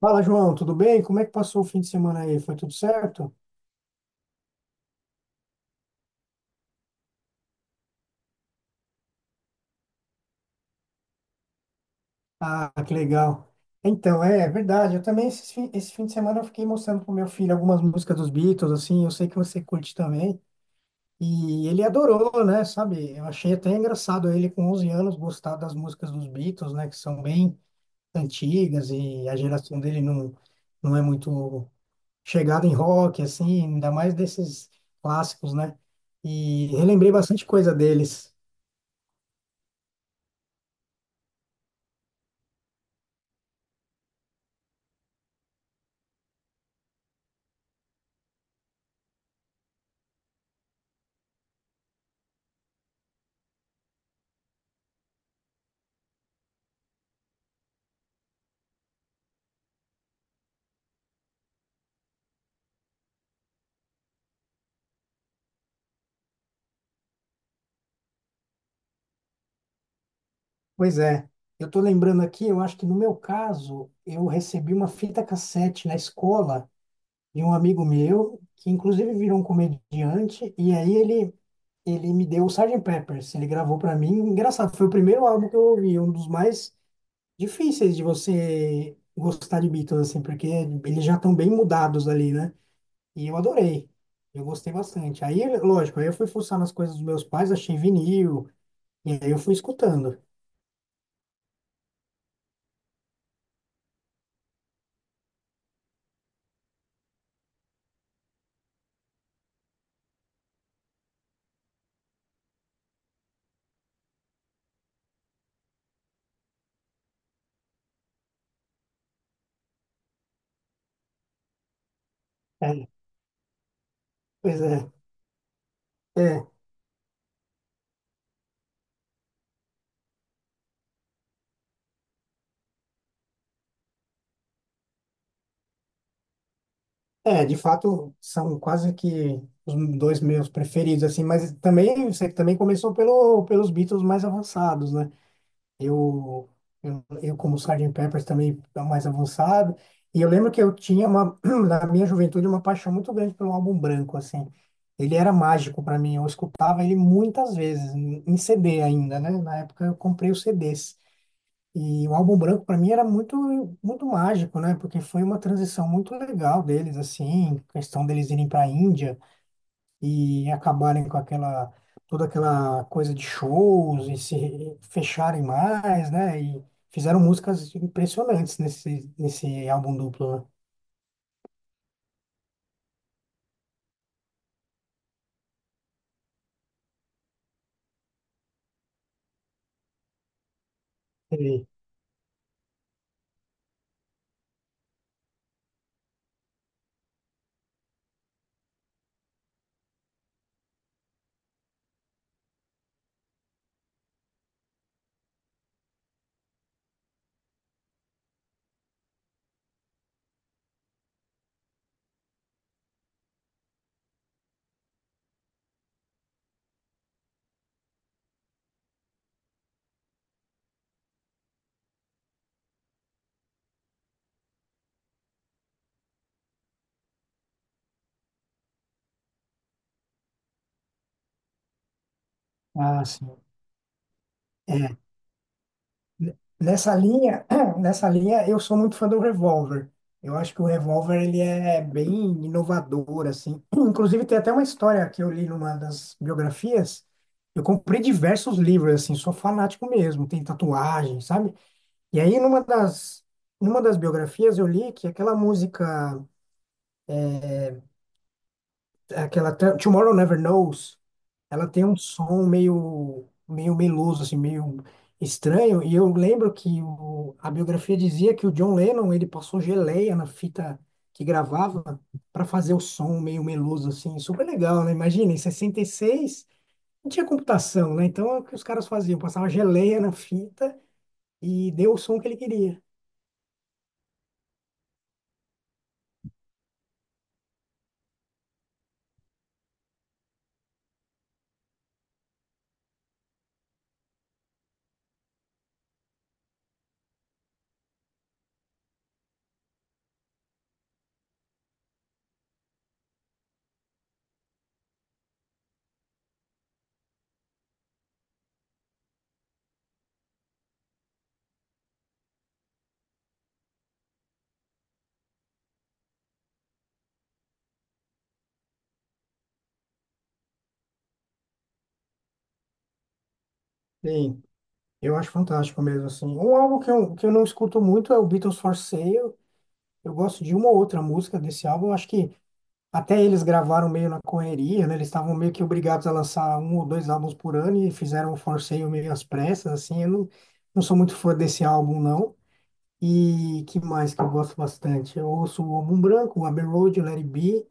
Fala, João, tudo bem? Como é que passou o fim de semana aí? Foi tudo certo? Ah, que legal. Então, é verdade. Eu também, esse fim de semana, eu fiquei mostrando pro meu filho algumas músicas dos Beatles, assim, eu sei que você curte também. E ele adorou, né? Sabe? Eu achei até engraçado ele, com 11 anos, gostar das músicas dos Beatles, né? Que são bem antigas e a geração dele não, não é muito chegada em rock, assim, ainda mais desses clássicos, né? E relembrei bastante coisa deles. Pois é, eu estou lembrando aqui, eu acho que no meu caso, eu recebi uma fita cassete na escola de um amigo meu, que inclusive virou um comediante, e aí ele me deu o Sgt. Pepper's, ele gravou para mim. Engraçado, foi o primeiro álbum que eu ouvi, um dos mais difíceis de você gostar de Beatles, assim, porque eles já estão bem mudados ali, né? E eu adorei, eu gostei bastante. Aí, lógico, aí eu fui fuçar nas coisas dos meus pais, achei vinil, e aí eu fui escutando. É, pois é. É. É, de fato, são quase que os dois meus preferidos, assim, mas também, você também começou pelos Beatles mais avançados, né? Eu, eu como Sgt. Pepper também é mais avançado, e eu lembro que eu tinha uma, na minha juventude, uma paixão muito grande pelo álbum branco, assim. Ele era mágico para mim, eu escutava ele muitas vezes, em CD ainda, né? Na época eu comprei os CDs. E o álbum branco para mim era muito muito mágico, né? Porque foi uma transição muito legal deles assim, questão deles irem para a Índia e acabarem com aquela toda aquela coisa de shows e se fecharem mais, né? E fizeram músicas impressionantes nesse álbum duplo, né? Ah, sim. É, nessa linha, nessa linha, eu sou muito fã do Revolver. Eu acho que o Revolver ele é bem inovador assim. Inclusive tem até uma história que eu li numa das biografias. Eu comprei diversos livros assim, sou fanático mesmo, tem tatuagem, sabe? E aí numa das biografias eu li que aquela música, é, aquela Tomorrow Never Knows. Ela tem um som meio meloso, assim, meio estranho. E eu lembro que a biografia dizia que o John Lennon, ele passou geleia na fita que gravava para fazer o som meio meloso, assim. Super legal, né? Imagina, em 66 não tinha computação, né? Então, é o que os caras faziam? Passava geleia na fita e deu o som que ele queria. Sim, eu acho fantástico mesmo, assim. Um álbum que que eu não escuto muito é o Beatles for Sale. Eu gosto de uma ou outra música desse álbum. Eu acho que até eles gravaram meio na correria, né? Eles estavam meio que obrigados a lançar um ou dois álbuns por ano e fizeram um forceio meio às pressas, assim. Eu não sou muito fã desse álbum, não. E que mais que eu gosto bastante? Eu ouço o Álbum Branco, o Abbey Road, o Let It Be.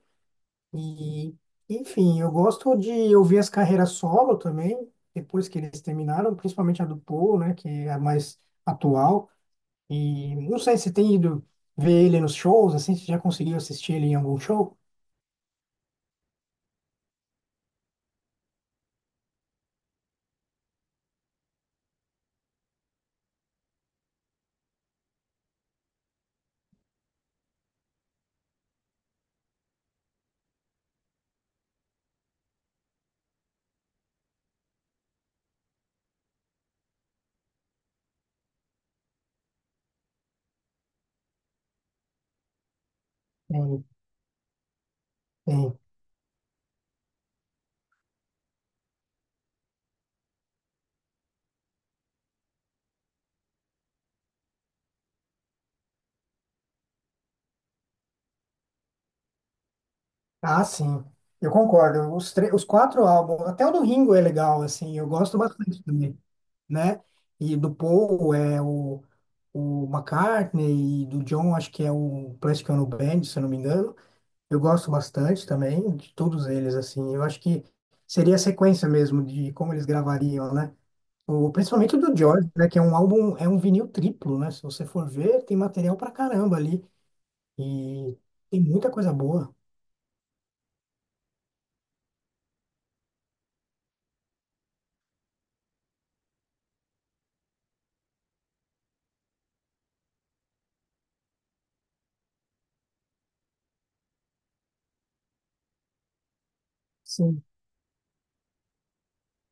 E, enfim, eu gosto de ouvir as carreiras solo também, depois que eles terminaram, principalmente a do Paul, né? Que é a mais atual. E não sei se tem ido ver ele nos shows, assim, se já conseguiu assistir ele em algum show. Tem. Tem. Ah, sim. Eu concordo. Os quatro álbuns, até o do Ringo é legal, assim, eu gosto bastante também, né? E do Paul é o McCartney e do John, acho que é o Plastic Ono Band, se eu não me engano. Eu gosto bastante também de todos eles, assim. Eu acho que seria a sequência mesmo de como eles gravariam, né? Principalmente o do George, né? Que é um álbum, é um vinil triplo, né? Se você for ver, tem material pra caramba ali. E tem muita coisa boa.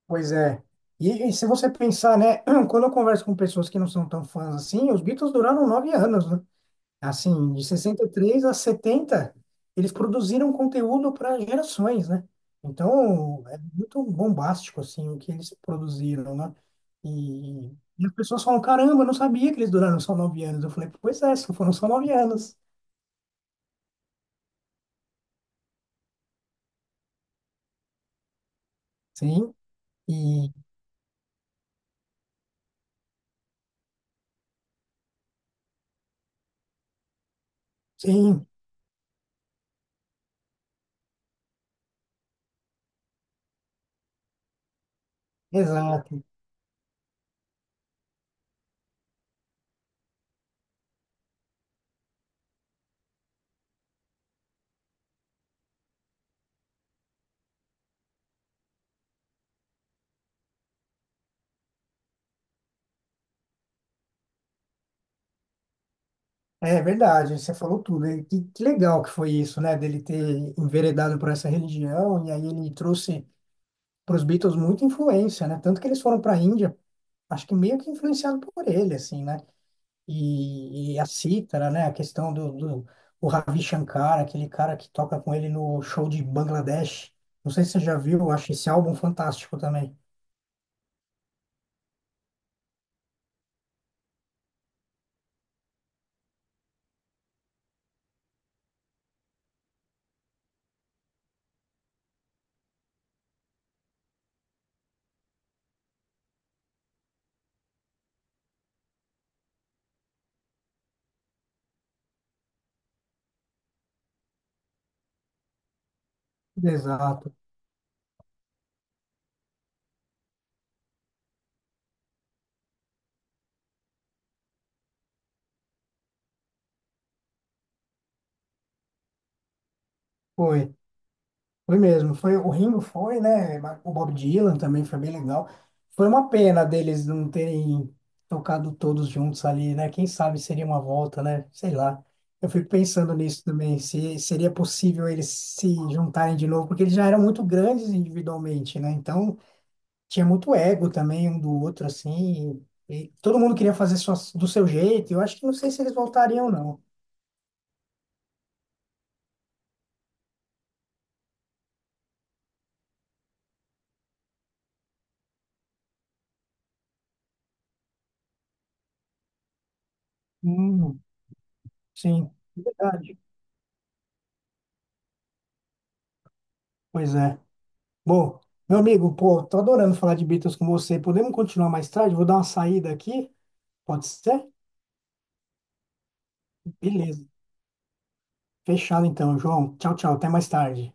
Pois é. E se você pensar, né, quando eu converso com pessoas que não são tão fãs assim, os Beatles duraram 9 anos, né? Assim, de 63 a 70 eles produziram conteúdo para gerações, né? Então, é muito bombástico, assim, o que eles produziram, né? E, e as pessoas falam, caramba, eu não sabia que eles duraram só 9 anos. Eu falei, pois é, só foram só 9 anos. Sim, e sim, exato. É verdade, você falou tudo. E que legal que foi isso, né? Dele ter enveredado por essa religião, e aí ele trouxe para os Beatles muita influência, né? Tanto que eles foram para a Índia, acho que meio que influenciado por ele, assim, né? E a cítara, né? A questão do o Ravi Shankar, aquele cara que toca com ele no show de Bangladesh. Não sei se você já viu, eu acho esse álbum fantástico também. Exato. Foi. Foi mesmo, foi o Ringo, foi, né? O Bob Dylan também foi bem legal. Foi uma pena deles não terem tocado todos juntos ali, né? Quem sabe seria uma volta, né? Sei lá. Eu fico pensando nisso também, se seria possível eles se juntarem de novo, porque eles já eram muito grandes individualmente, né? Então tinha muito ego também um do outro, assim, e todo mundo queria fazer sua, do seu jeito. Eu acho que não sei se eles voltariam, não. Hum, sim, é verdade. Pois é. Bom, meu amigo, pô, tô adorando falar de Beatles com você. Podemos continuar mais tarde? Vou dar uma saída aqui. Pode ser? Beleza. Fechado então, João. Tchau, tchau. Até mais tarde.